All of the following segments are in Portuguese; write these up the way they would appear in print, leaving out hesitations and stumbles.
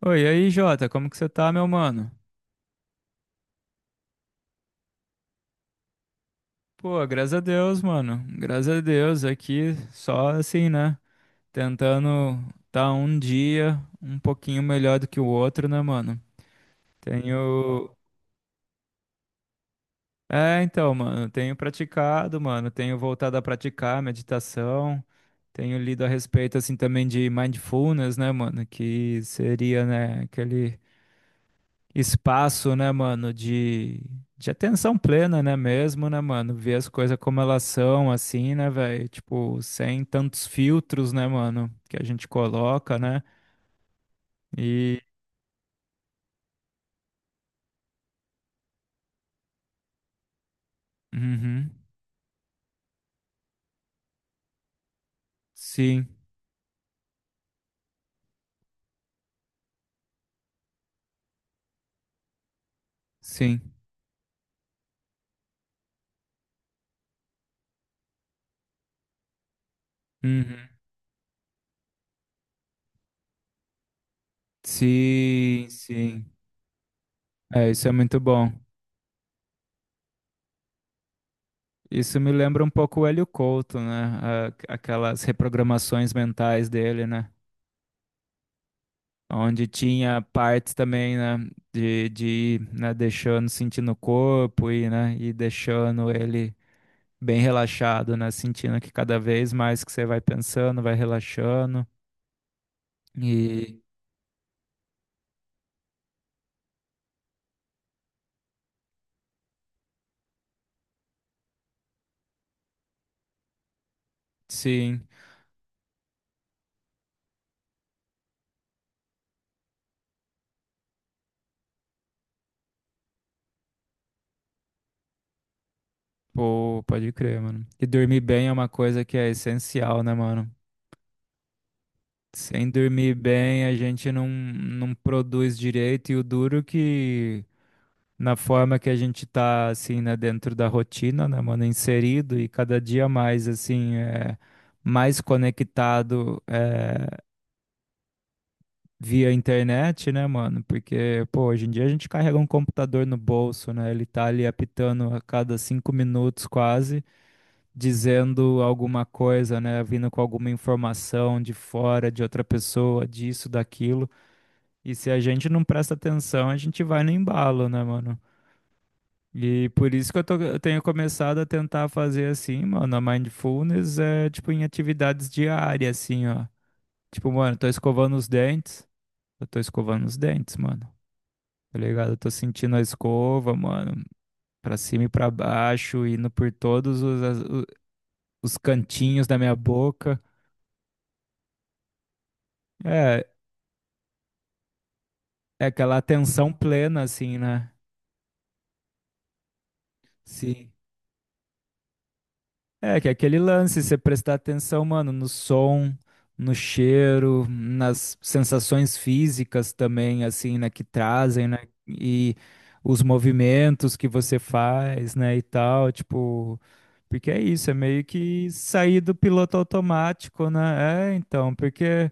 Oi, e aí, Jota, como que você tá, meu mano? Pô, graças a Deus, mano. Graças a Deus, aqui só assim, né? Tentando tá um dia um pouquinho melhor do que o outro, né, mano? Tenho. Mano, tenho praticado, mano, tenho voltado a praticar meditação, tenho lido a respeito, assim, também de mindfulness, né, mano? Que seria, né, aquele espaço, né, mano, de atenção plena, né, mesmo, né, mano, ver as coisas como elas são, assim, né, velho, tipo, sem tantos filtros, né, mano, que a gente coloca, e, uhum, sim, sim, uhum, sim, sim, é, isso é muito bom. Isso me lembra um pouco o Hélio Couto, né, aquelas reprogramações mentais dele, né. Onde tinha partes também, né, de ir, né, deixando, sentindo o corpo e, né, e deixando ele bem relaxado, né, sentindo que cada vez mais que você vai pensando, vai relaxando. E sim, pô, pode crer, mano. E dormir bem é uma coisa que é essencial, né, mano? Sem dormir bem, a gente não produz direito e o duro que na forma que a gente tá, assim, né, dentro da rotina, né, mano, inserido e cada dia mais, assim, é, mais conectado é, via internet, né, mano? Porque, pô, hoje em dia a gente carrega um computador no bolso, né? Ele tá ali apitando a cada 5 minutos quase, dizendo alguma coisa, né? Vindo com alguma informação de fora, de outra pessoa, disso, daquilo. E se a gente não presta atenção, a gente vai no embalo, né, mano? E por isso que eu tenho começado a tentar fazer assim, mano, a mindfulness é tipo em atividades diárias, assim, ó. Tipo, mano, tô escovando os dentes. Eu tô escovando os dentes, mano. Tá ligado? Eu tô sentindo a escova, mano, pra cima e pra baixo, indo por todos os, as- o- os cantinhos da minha boca. É, é aquela atenção plena, assim, né? Sim. É, que é aquele lance, você prestar atenção, mano, no som, no cheiro, nas sensações físicas também, assim, né, que trazem, né, e os movimentos que você faz, né, e tal, tipo, porque é isso, é meio que sair do piloto automático, né, é, então, porque,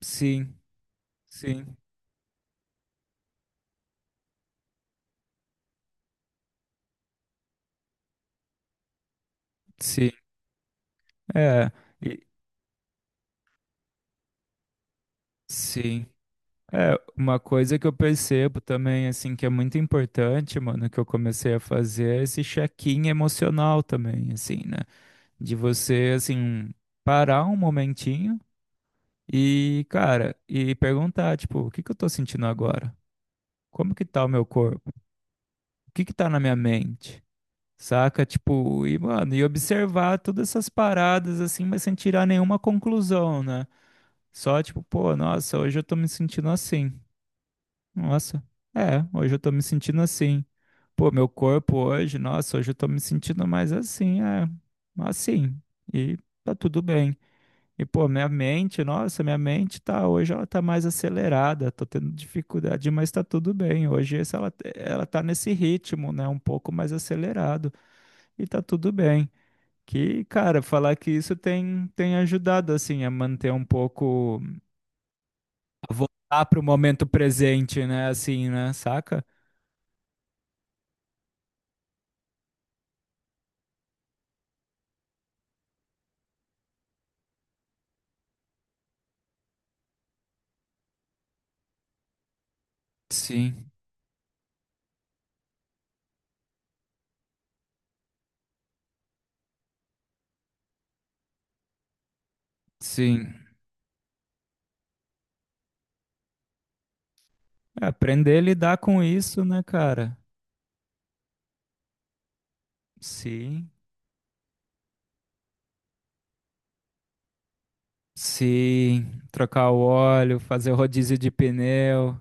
sim, sim, sim, é, e- sim. É, uma coisa que eu percebo também, assim, que é muito importante, mano, que eu comecei a fazer é esse check-in emocional também, assim, né? De você, assim, parar um momentinho e, cara, e perguntar, tipo, o que que eu tô sentindo agora? Como que tá o meu corpo? O que que tá na minha mente? Saca? Tipo, e, mano, e observar todas essas paradas, assim, mas sem tirar nenhuma conclusão, né? Só, tipo, pô, nossa, hoje eu tô me sentindo assim. Nossa, é, hoje eu tô me sentindo assim. Pô, meu corpo hoje, nossa, hoje eu tô me sentindo mais assim, é, assim, e tá tudo bem. E, pô, minha mente, nossa, minha mente tá, hoje ela tá mais acelerada, tô tendo dificuldade, mas tá tudo bem. Hoje ela tá nesse ritmo, né, um pouco mais acelerado, e tá tudo bem. Que, cara, falar que isso tem ajudado, assim, a manter um pouco, a voltar pro momento presente, né, assim, né, saca? Sim. Sim. É, aprender a lidar com isso, né, cara? Sim. Sim. Trocar o óleo, fazer o rodízio de pneu.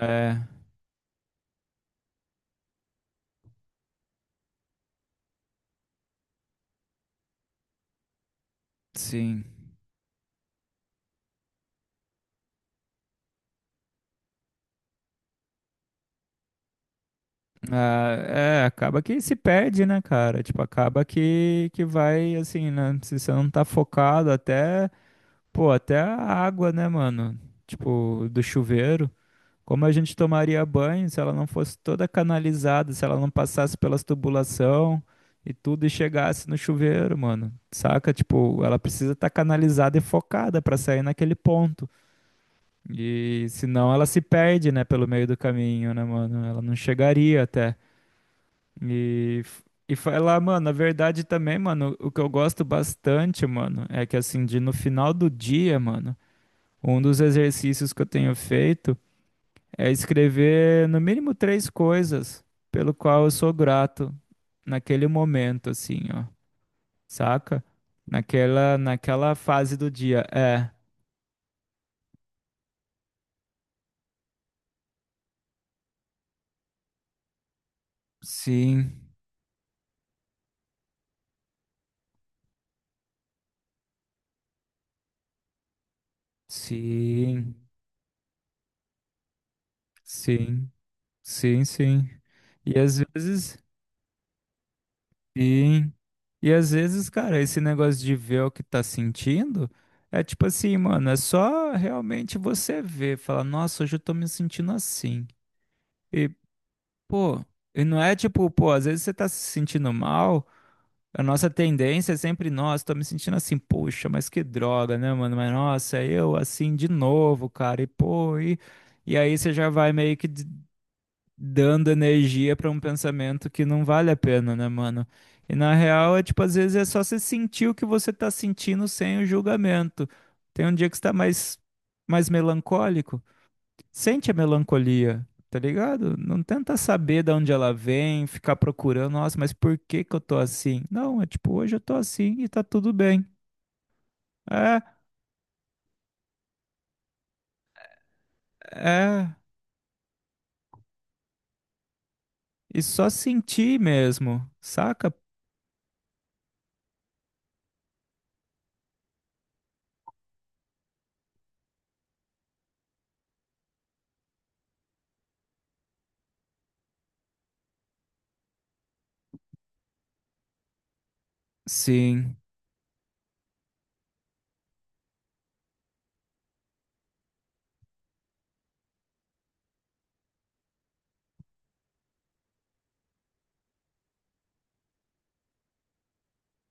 É, sim. Ah, é, acaba que se perde, né, cara? Tipo, acaba que vai, assim, né? Se você não tá focado, até, pô, até a água, né, mano? Tipo, do chuveiro. Como a gente tomaria banho se ela não fosse toda canalizada, se ela não passasse pelas tubulação e tudo e chegasse no chuveiro, mano? Saca? Tipo, ela precisa estar canalizada e focada pra sair naquele ponto. E senão ela se perde, né, pelo meio do caminho, né, mano? Ela não chegaria até. E e falar, mano, na verdade também, mano, o que eu gosto bastante, mano, é que assim, de no final do dia, mano, um dos exercícios que eu tenho feito é escrever no mínimo três coisas pelo qual eu sou grato naquele momento, assim, ó, saca? Naquela, naquela fase do dia. É, sim, sim, sim, sim, sim. E às vezes, sim. E às vezes, cara, esse negócio de ver o que tá sentindo é tipo assim, mano, é só realmente você ver, falar, nossa, hoje eu tô me sentindo assim. Pô, e não é tipo, pô, às vezes você tá se sentindo mal, a nossa tendência é sempre, nossa, tô me sentindo assim, poxa, mas que droga, né, mano? Mas nossa, eu assim de novo, cara, e aí você já vai dando energia pra um pensamento que não vale a pena, né, mano? E na real é tipo, às vezes é só você sentir o que você tá sentindo sem o julgamento. Tem um dia que você tá mais melancólico sente a melancolia, tá ligado? Não tenta saber de onde ela vem, ficar procurando, nossa, mas por que que eu tô assim? Não, é tipo, hoje eu tô assim e tá tudo bem. É, é, e só sentir mesmo, saca? Sim,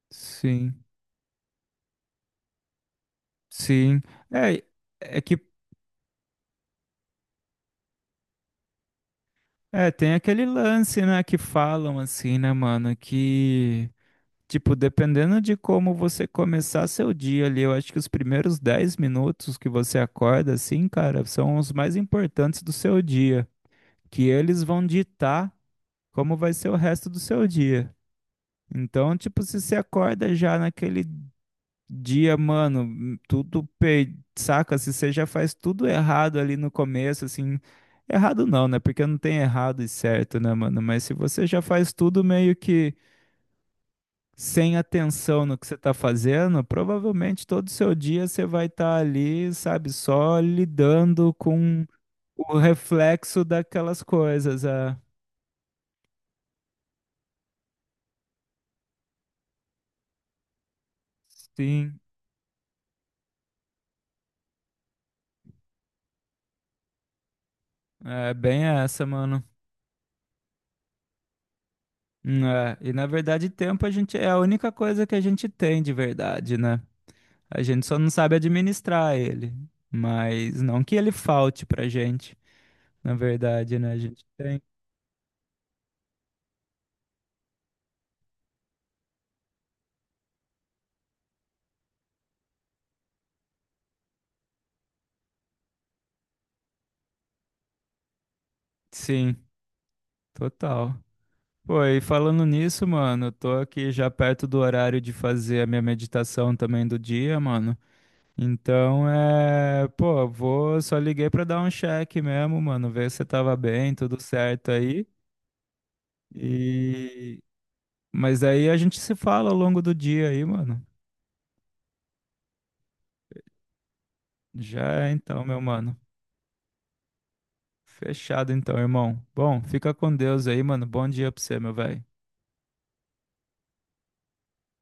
sim, sim. É, é que, tem aquele lance, né, que falam assim, né, mano, que tipo, dependendo de como você começar seu dia ali, eu acho que os primeiros 10 minutos que você acorda, assim, cara, são os mais importantes do seu dia, que eles vão ditar como vai ser o resto do seu dia. Então, tipo, se você acorda já naquele dia, mano, tudo pe... saca? Se você já faz tudo errado ali no começo, assim, errado não, né? Porque não tem errado e certo, né, mano? Mas se você já faz tudo meio que sem atenção no que você está fazendo, provavelmente todo o seu dia você vai estar ali, sabe, só lidando com o reflexo daquelas coisas. É. Sim, é bem essa, mano. É. E na verdade, tempo a gente é a única coisa que a gente tem de verdade, né? A gente só não sabe administrar ele. Mas não que ele falte pra gente, na verdade, né? A gente tem. Sim, total. Pô, e falando nisso, mano, eu tô aqui já perto do horário de fazer a minha meditação também do dia, mano. Então é, pô, vou, só liguei pra dar um check mesmo, mano, ver se você tava bem, tudo certo aí. E mas aí a gente se fala ao longo do dia aí, mano. Já é então, meu mano. Fechado então, irmão. Bom, fica com Deus aí, mano. Bom dia pra você, meu velho.